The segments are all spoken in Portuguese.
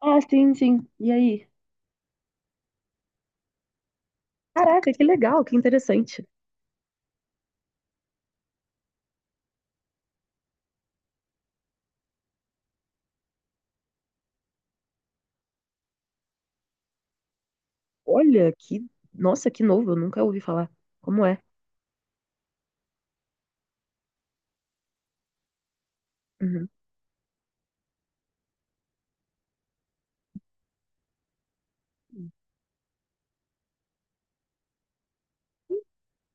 Ah, sim, sim. E aí? Caraca, que legal, que interessante. Olha, que. Nossa, que novo, eu nunca ouvi falar. Como é? Uhum.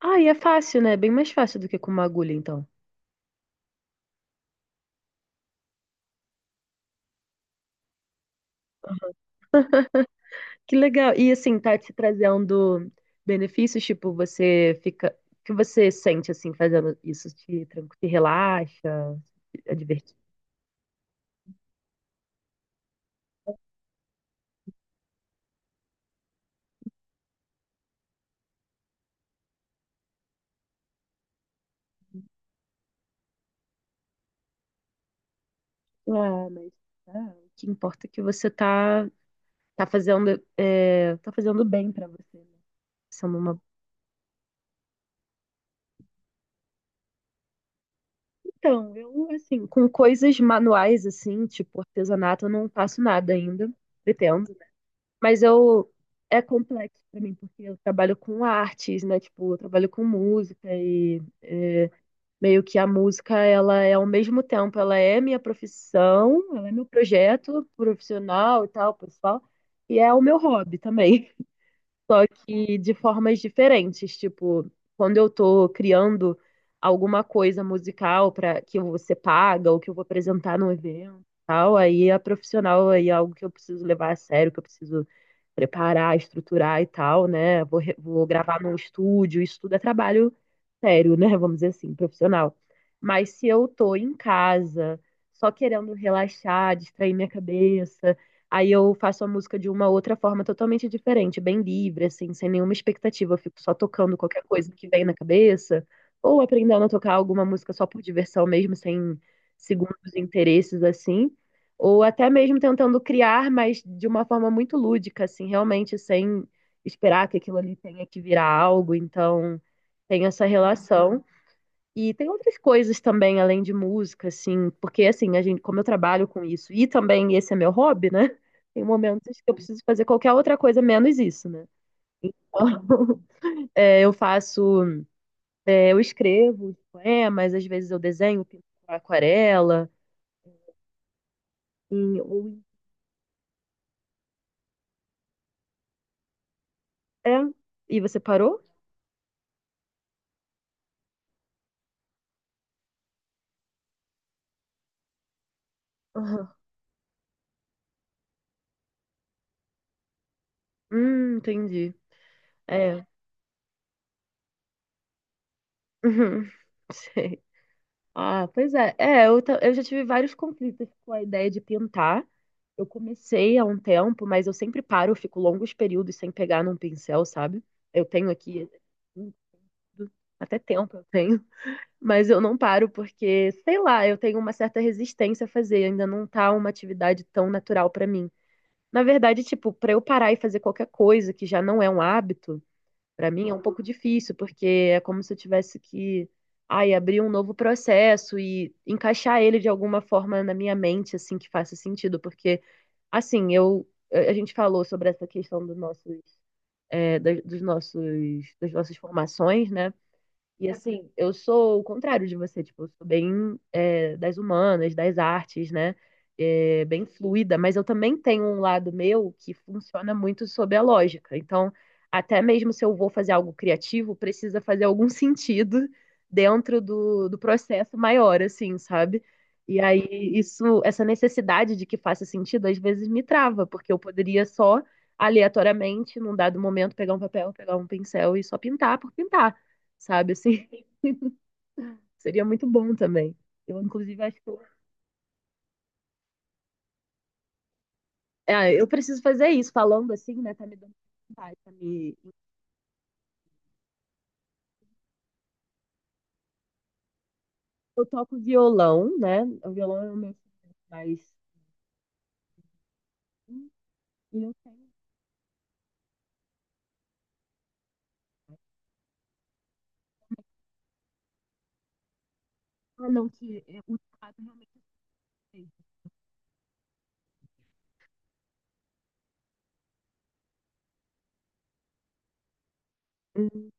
Ah, e é fácil, né? Bem mais fácil do que com uma agulha, então. Que legal. E assim, tá te trazendo benefícios, tipo, você fica. O que você sente, assim, fazendo isso? Te relaxa? É divertido? Ah, mas. Ah, o que importa é que tá fazendo. É, tá fazendo bem pra você, né? Sendo uma... Então, eu, assim, com coisas manuais, assim, tipo artesanato, eu não faço nada ainda, pretendo. Né? Mas eu, é complexo pra mim, porque eu trabalho com artes, né? Tipo, eu trabalho com música meio que a música, ela é ao mesmo tempo, ela é minha profissão, ela é meu projeto profissional e tal, pessoal, e é o meu hobby também, só que de formas diferentes. Tipo, quando eu tô criando alguma coisa musical para que você paga ou que eu vou apresentar num evento, e tal, aí a profissional aí é algo que eu preciso levar a sério, que eu preciso preparar, estruturar e tal, né? Vou gravar num estúdio, isso tudo é trabalho sério, né? Vamos dizer assim, profissional. Mas se eu tô em casa, só querendo relaxar, distrair minha cabeça, aí eu faço a música de uma outra forma totalmente diferente, bem livre, assim, sem nenhuma expectativa. Eu fico só tocando qualquer coisa que vem na cabeça, ou aprendendo a tocar alguma música só por diversão mesmo, sem segundos interesses, assim. Ou até mesmo tentando criar, mas de uma forma muito lúdica, assim, realmente sem esperar que aquilo ali tenha que virar algo. Então, tem essa relação. E tem outras coisas também, além de música, assim, porque assim, a gente, como eu trabalho com isso, e também esse é meu hobby, né? Tem momentos que eu preciso fazer qualquer outra coisa menos isso, né? Então, é, eu faço, é, eu escrevo os poemas, às vezes eu desenho, pinto com aquarela, e, ou- é. E você parou? Aham. Entendi. É. Uhum. Sei. Ah, pois é. Eu já tive vários conflitos com a ideia de pintar. Eu comecei há um tempo, mas eu sempre paro, eu fico longos períodos sem pegar num pincel, sabe? Eu tenho aqui, até tempo eu tenho, mas eu não paro porque, sei lá, eu tenho uma certa resistência a fazer, ainda não tá uma atividade tão natural pra mim. Na verdade, tipo, pra eu parar e fazer qualquer coisa que já não é um hábito, pra mim é um pouco difícil, porque é como se eu tivesse que, ai, abrir um novo processo e encaixar ele de alguma forma na minha mente, assim, que faça sentido, porque... Assim, eu a gente falou sobre essa questão dos nossos dos nossos, das nossas formações, né? E assim, eu sou o contrário de você, tipo, eu sou bem é, das humanas, das artes, né? É, bem fluida, mas eu também tenho um lado meu que funciona muito sob a lógica. Então, até mesmo se eu vou fazer algo criativo, precisa fazer algum sentido dentro do processo maior, assim, sabe? E aí, isso, essa necessidade de que faça sentido, às vezes me trava, porque eu poderia só, aleatoriamente, num dado momento, pegar um papel, pegar um pincel e só pintar por pintar, sabe? Assim, seria muito bom também. Eu, inclusive, acho que eu, é, eu preciso fazer isso, falando assim, né? Tá me dando vontade, tá me... Eu toco violão, né? O violão é o meu instrumento, mas e eu tenho... ah, não, que é, o teclado realmente tem. Hum,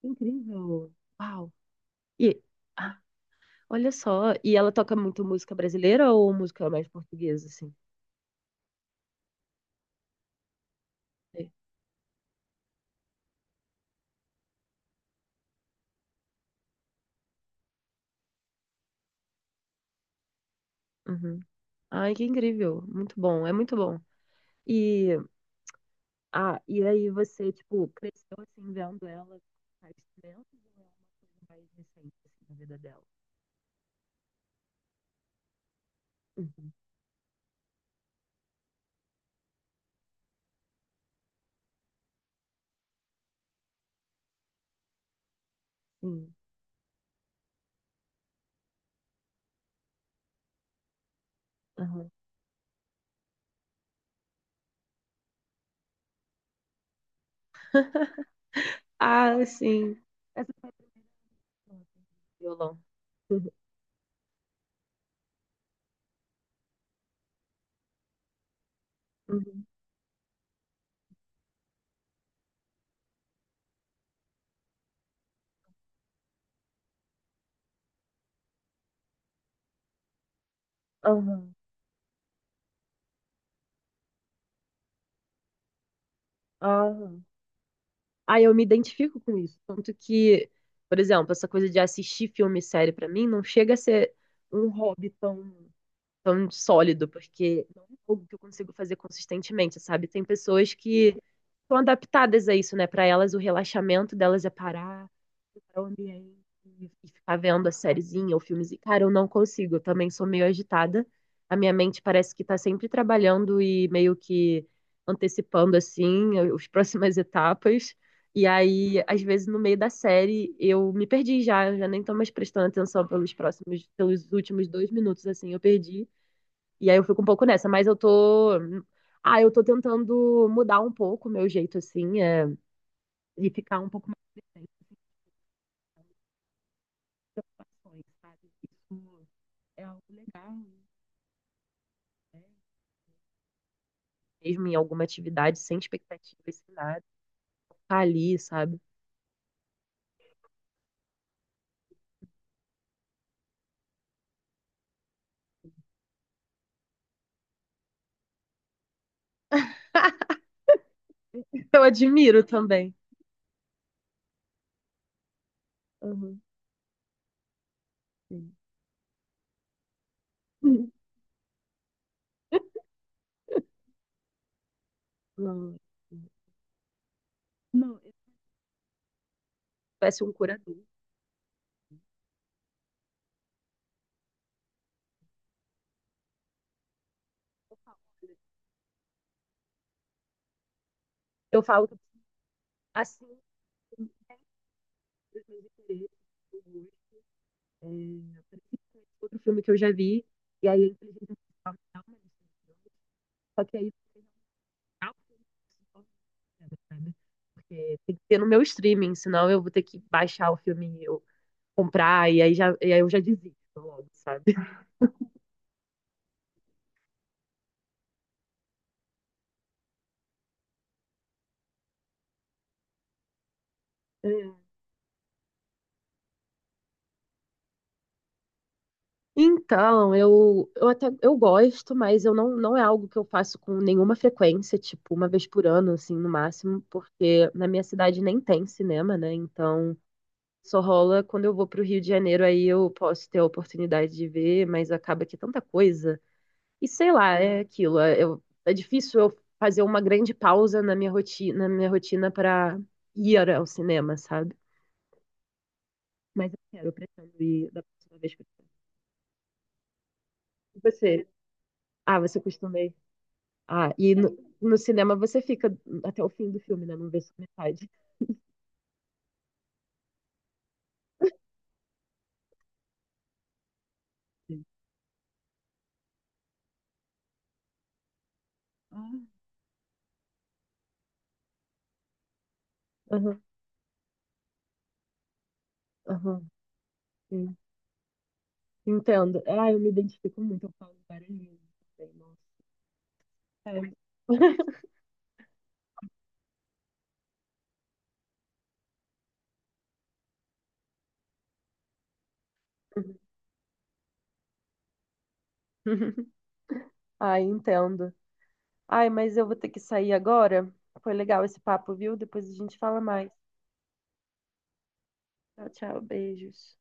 que incrível. Uau. E ah, olha só, e ela toca muito música brasileira ou música mais portuguesa, assim? É. Uhum. Ai, que incrível. Muito bom, é muito bom. E ah, e aí você, tipo, cresceu assim, vendo ela faz tempo ou é uma coisa mais recente, assim, na vida dela? Uhum, sim, aham. Ah, sim. Essa foi a pergunta, violão. Uhum, uhum, aham, aham. Ah, eu me identifico com isso. Tanto que, por exemplo, essa coisa de assistir filme e série pra mim não chega a ser um hobby tão... tão sólido, porque não é algo que eu consigo fazer consistentemente, sabe? Tem pessoas que estão adaptadas a isso, né? Para elas, o relaxamento delas é parar, para o ambiente e ficar vendo a sériezinha ou filmezinho. Cara, eu não consigo, eu também sou meio agitada. A minha mente parece que tá sempre trabalhando e meio que antecipando, assim, as próximas etapas. E aí, às vezes, no meio da série, eu me perdi já, eu já nem tô mais prestando atenção pelos próximos, pelos últimos dois minutos, assim, eu perdi. E aí eu fico um pouco nessa, mas eu tô. Ah, eu tô tentando mudar um pouco o meu jeito, assim, é, e ficar um pouco mais presente nas situações, sabe? Isso é algo legal, né? Mesmo em alguma atividade, sem expectativas, sem nada, tá ali, sabe? Eu admiro também. Uhum, sim. Não, não, eu parece um curador. Eu falo, eu falo assim, os meus interesses, é, outro filme que eu já vi, e aí a inteligência artificial me dá uma lista, só que aí não dá, sabe? Porque tem que ter no meu streaming, senão eu vou ter que baixar o filme e eu comprar, e aí, já, e aí eu já desisto logo, sabe? É. Então, eu até eu gosto, mas eu não é algo que eu faço com nenhuma frequência, tipo, uma vez por ano, assim, no máximo, porque na minha cidade nem tem cinema, né? Então, só rola quando eu vou pro Rio de Janeiro, aí eu posso ter a oportunidade de ver, mas acaba que é tanta coisa. E sei lá, é aquilo. É, eu- é difícil eu fazer uma grande pausa na minha rotina para ir ao cinema, sabe? Mas eu quero, eu pretendo ir da próxima vez que eu for. E você? Ah, você costuma ir. Ah, no cinema você fica até o fim do filme, né? Não vê só metade. Sim. Ah, aham, aham, sim. Entendo. Ah, eu me identifico muito, eu falo várias vezes também, nossa. É. Ai, entendo. Ai, mas eu vou ter que sair agora. Foi legal esse papo, viu? Depois a gente fala mais. Tchau, tchau, beijos.